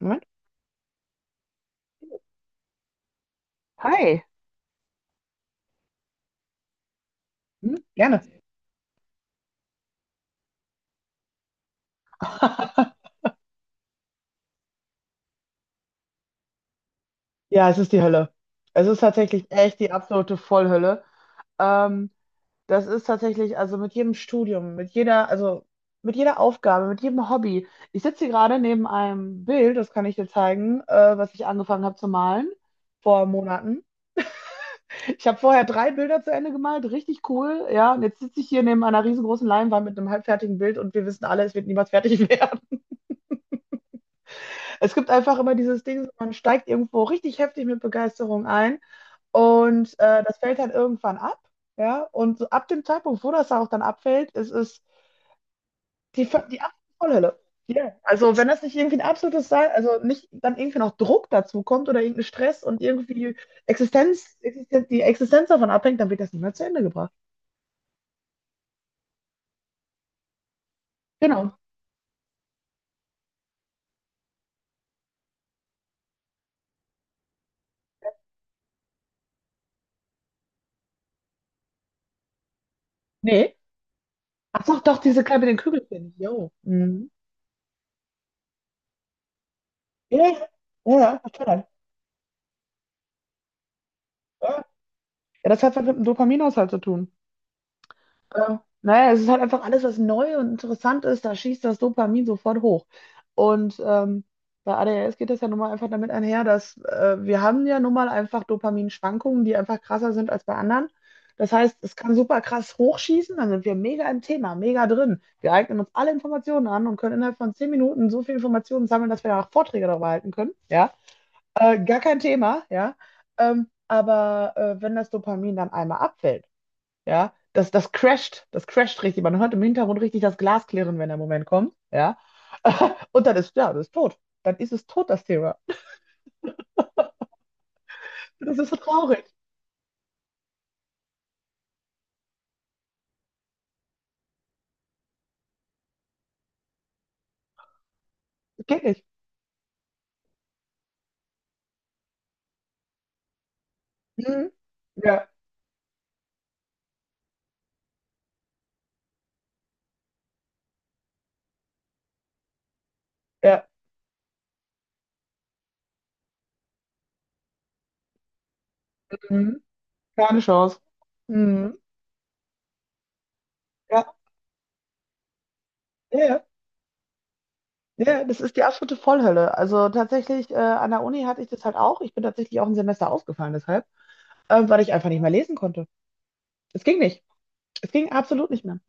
Moment. Hi. Hm, gerne. Ja, es ist die Hölle. Es ist tatsächlich echt die absolute Vollhölle. Ähm, das ist tatsächlich, also mit jedem Studium, also mit jeder Aufgabe, mit jedem Hobby. Ich sitze hier gerade neben einem Bild, das kann ich dir zeigen, was ich angefangen habe zu malen vor Monaten. Ich habe vorher drei Bilder zu Ende gemalt, richtig cool, ja. Und jetzt sitze ich hier neben einer riesengroßen Leinwand mit einem halbfertigen Bild und wir wissen alle, es wird niemals fertig werden. Es gibt einfach immer dieses Ding, man steigt irgendwo richtig heftig mit Begeisterung ein und das fällt halt irgendwann ab. Ja, und so ab dem Zeitpunkt, wo das auch dann abfällt, ist es die absolute Vollhölle. Ja, also wenn das nicht irgendwie ein absolutes Sein, also nicht dann irgendwie noch Druck dazu kommt oder irgendein Stress und irgendwie die Existenz davon abhängt, dann wird das nicht mehr zu Ende gebracht. Genau. Nee. Ach doch, doch, diese kleine mit den Kügelchen. Jo. Mhm. Ja, ja, ja, total. Ja, ja, das hat was mit dem Dopaminhaushalt zu tun. Naja, es ist halt einfach alles, was neu und interessant ist, da schießt das Dopamin sofort hoch. Und bei ADHS geht das ja nun mal einfach damit einher, dass wir haben ja nun mal einfach Dopaminschwankungen, die einfach krasser sind als bei anderen. Das heißt, es kann super krass hochschießen, dann sind wir mega im Thema, mega drin. Wir eignen uns alle Informationen an und können innerhalb von 10 Minuten so viel Informationen sammeln, dass wir danach Vorträge darüber halten können. Ja, gar kein Thema, ja. Aber wenn das Dopamin dann einmal abfällt, ja, das crasht, das crasht richtig. Man hört im Hintergrund richtig das Glas klirren, wenn der Moment kommt. Ja. Und dann ist, ja, das ist tot. Dann ist es tot, das Thema. Das ist so traurig. Das geht nicht. Mhm. Ja, ja. Mhm. Keine Chance. Mhm. Ja, ja, ja. Ja, das ist die absolute Vollhölle. Also tatsächlich, an der Uni hatte ich das halt auch. Ich bin tatsächlich auch ein Semester ausgefallen deshalb, weil ich einfach nicht mehr lesen konnte. Es ging nicht. Es ging absolut nicht mehr.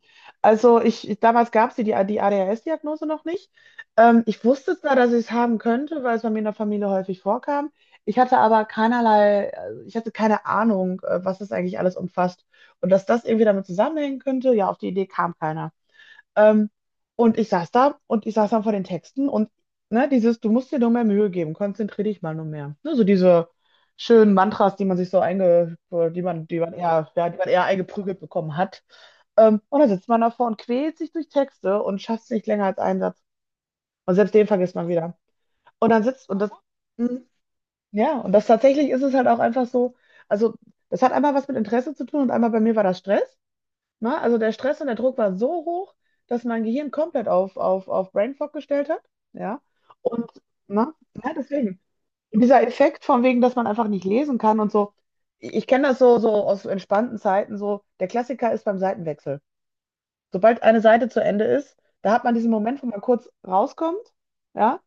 Also damals gab es die ADHS-Diagnose noch nicht. Ich wusste zwar, dass ich es haben könnte, weil es bei mir in der Familie häufig vorkam. Ich hatte aber keinerlei, ich hatte keine Ahnung, was das eigentlich alles umfasst. Und dass das irgendwie damit zusammenhängen könnte, ja, auf die Idee kam keiner. Ähm, und ich saß da und ich saß dann vor den Texten und ne, dieses, du musst dir nur mehr Mühe geben, konzentriere dich mal nur mehr. Ne, so diese schönen Mantras, die man sich so einge, die man eher eingeprügelt bekommen hat. Und dann sitzt man davor und quält sich durch Texte und schafft es nicht länger als einen Satz. Und selbst den vergisst man wieder. Und dann sitzt und das. Mhm. Ja, und das tatsächlich ist es halt auch einfach so, also das hat einmal was mit Interesse zu tun und einmal bei mir war das Stress. Ne? Also der Stress und der Druck war so hoch, dass mein Gehirn komplett auf Brain Fog gestellt hat. Ja. Und ne? Ja, deswegen. Und dieser Effekt von wegen, dass man einfach nicht lesen kann und so. Ich kenne das so aus entspannten Zeiten, so der Klassiker ist beim Seitenwechsel. Sobald eine Seite zu Ende ist, da hat man diesen Moment, wo man kurz rauskommt, ja,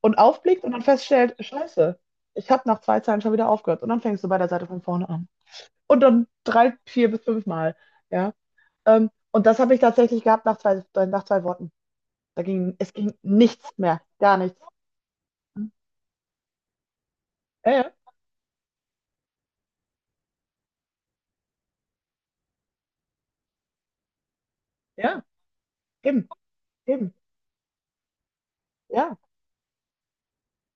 und aufblickt und dann feststellt, Scheiße, ich habe nach zwei Zeilen schon wieder aufgehört. Und dann fängst du bei der Seite von vorne an. Und dann 3, 4 bis 5 Mal, ja. Und das habe ich tatsächlich gehabt nach zwei Worten. Es ging nichts mehr, gar nichts. Ja, ja, ja, eben, eben, ja.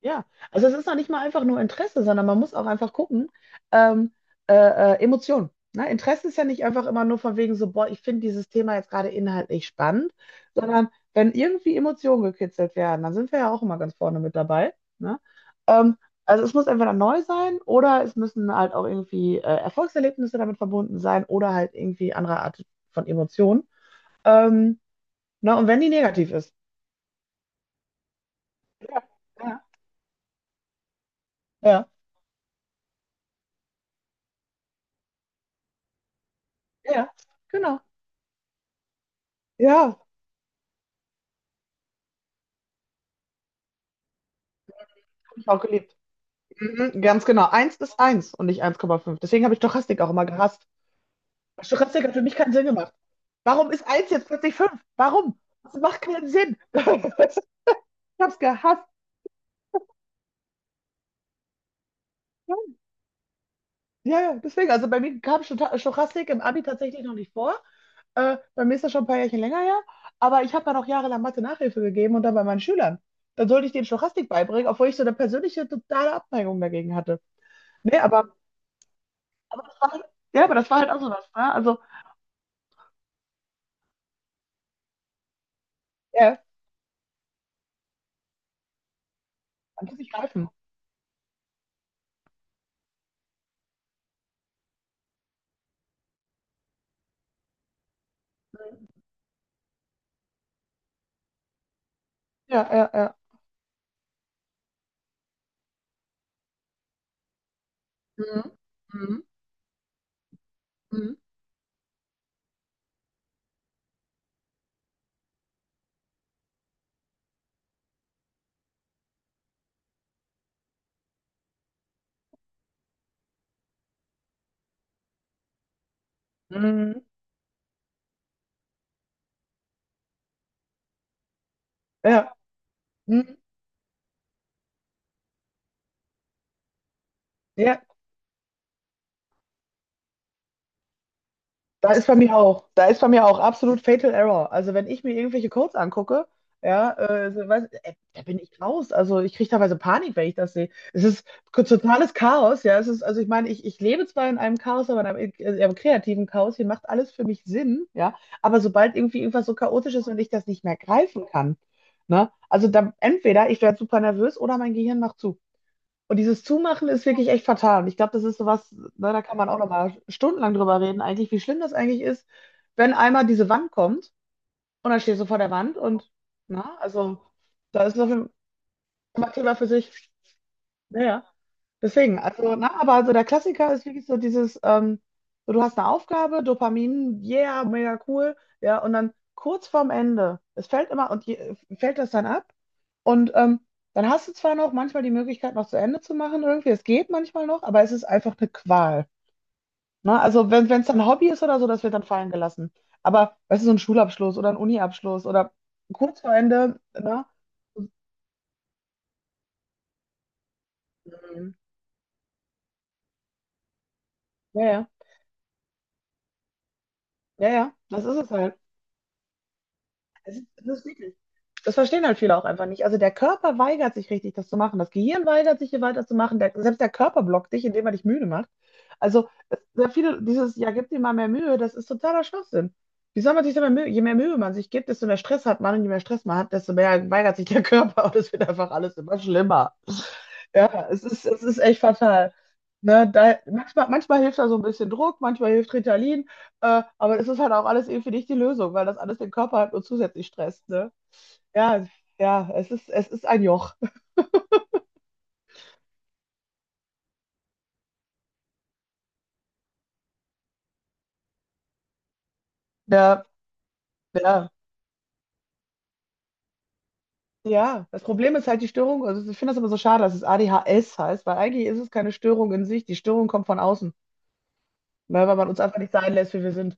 Ja, also es ist noch nicht mal einfach nur Interesse, sondern man muss auch einfach gucken, ähm, äh, Emotionen. Ne? Interesse ist ja nicht einfach immer nur von wegen so, boah, ich finde dieses Thema jetzt gerade inhaltlich spannend, sondern wenn irgendwie Emotionen gekitzelt werden, dann sind wir ja auch immer ganz vorne mit dabei. Ne? Ähm, also es muss entweder neu sein oder es müssen halt auch irgendwie Erfolgserlebnisse damit verbunden sein oder halt irgendwie andere Art von Emotionen. Ähm, ne? Und wenn die negativ ist. Ja, ja, ja, ja, genau. Ja, hab ich auch geliebt. Mhm, ganz genau. Eins ist eins und nicht 1,5. Deswegen habe ich Stochastik auch immer gehasst. Stochastik hat für mich keinen Sinn gemacht. Warum ist eins jetzt plötzlich fünf? Warum? Das macht keinen Sinn. Ich hab's gehasst. Ja, ja, deswegen. Also bei mir kam Stochastik im Abi tatsächlich noch nicht vor. Bei mir ist das schon ein paar Jährchen länger her. Aber ich habe dann auch jahrelang Mathe-Nachhilfe gegeben und dann bei meinen Schülern. Dann sollte ich denen Stochastik beibringen, obwohl ich so eine persönliche totale Abneigung dagegen hatte. Nee, aber das war halt auch sowas. Ne? Also, ja, man muss sich greifen. Ja, ja, ja. Mhm. Mhm. Mhm. Mhm. Ja. Mhm. Ja, da ist bei mir auch. Da ist bei mir auch absolut Fatal Error. Also wenn ich mir irgendwelche Codes angucke, ja, so, da bin ich raus. Also ich kriege teilweise Panik, wenn ich das sehe. Es ist totales Chaos, ja. Also ich meine, ich lebe zwar in einem Chaos, aber in einem kreativen Chaos, hier macht alles für mich Sinn, ja. Aber sobald irgendwie irgendwas so chaotisch ist und ich das nicht mehr greifen kann, ne, also dann entweder ich werde super nervös oder mein Gehirn macht zu. Und dieses Zumachen ist wirklich echt fatal. Und ich glaube, das ist sowas, ne, da kann man auch noch mal stundenlang drüber reden, eigentlich, wie schlimm das eigentlich ist, wenn einmal diese Wand kommt und dann stehst du vor der Wand und, na, also, da ist noch ein Thema für sich. Naja, deswegen, also, na, aber also der Klassiker ist wirklich so dieses, so, du hast eine Aufgabe, Dopamin, yeah, mega cool, ja, und dann kurz vorm Ende, es fällt immer, fällt das dann ab? Und dann hast du zwar noch manchmal die Möglichkeit, noch zu Ende zu machen irgendwie, es geht manchmal noch, aber es ist einfach eine Qual. Ne? Also wenn es dann Hobby ist oder so, das wird dann fallen gelassen. Aber weißt du, so ein Schulabschluss oder ein Uniabschluss oder kurz vor Ende, ne? Mhm. Ja, ja, ja, ja, das ist es halt. Das das ist wirklich. Das verstehen halt viele auch einfach nicht. Also der Körper weigert sich richtig, das zu machen. Das Gehirn weigert sich, hier weiterzumachen. Selbst der Körper blockt dich, indem er dich müde macht. Also sehr viele, dieses, ja, gib dir mal mehr Mühe, das ist totaler Schwachsinn. Wie soll man sich denn mehr Mühe, je mehr Mühe man sich gibt, desto mehr Stress hat man und je mehr Stress man hat, desto mehr weigert sich der Körper und es wird einfach alles immer schlimmer. Ja, es ist echt fatal. Ne, da, manchmal hilft da so ein bisschen Druck, manchmal hilft Ritalin, aber das ist halt auch alles irgendwie nicht die Lösung, weil das alles den Körper halt nur zusätzlich stresst, ne? Ja, ja, es ist ein Joch. Ja, ja, ja. Das Problem ist halt die Störung, also ich finde das immer so schade, dass es ADHS heißt, weil eigentlich ist es keine Störung in sich, die Störung kommt von außen. Ne, weil man uns einfach nicht sein lässt, wie wir sind.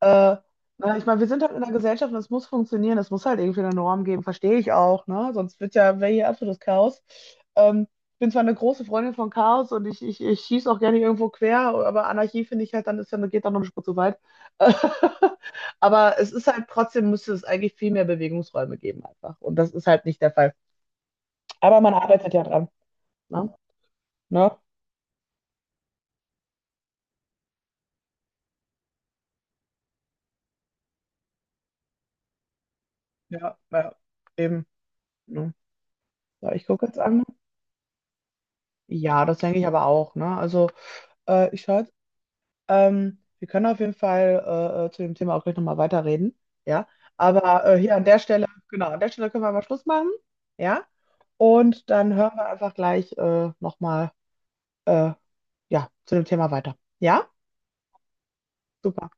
Äh, na, ich meine, wir sind halt in einer Gesellschaft und es muss funktionieren, es muss halt irgendwie eine Norm geben, verstehe ich auch, ne? Sonst wäre hier absolutes Chaos. Ähm, Ich bin zwar eine große Freundin von Chaos und ich schieße auch gerne irgendwo quer, aber Anarchie finde ich halt, geht dann noch eine Spur zu weit. Aber es ist halt trotzdem, müsste es eigentlich viel mehr Bewegungsräume geben einfach. Und das ist halt nicht der Fall. Aber man arbeitet ja dran. Ne? Ne? Ja, ja, eben. Ne? So, ich gucke jetzt an. Ja, das denke ich aber auch, ne? Also, ich schaue, wir können auf jeden Fall zu dem Thema auch gleich nochmal weiterreden, ja? Aber hier an der Stelle, genau, an der Stelle können wir mal Schluss machen, ja? Und dann hören wir einfach gleich nochmal, äh, ja, zu dem Thema weiter, ja? Super.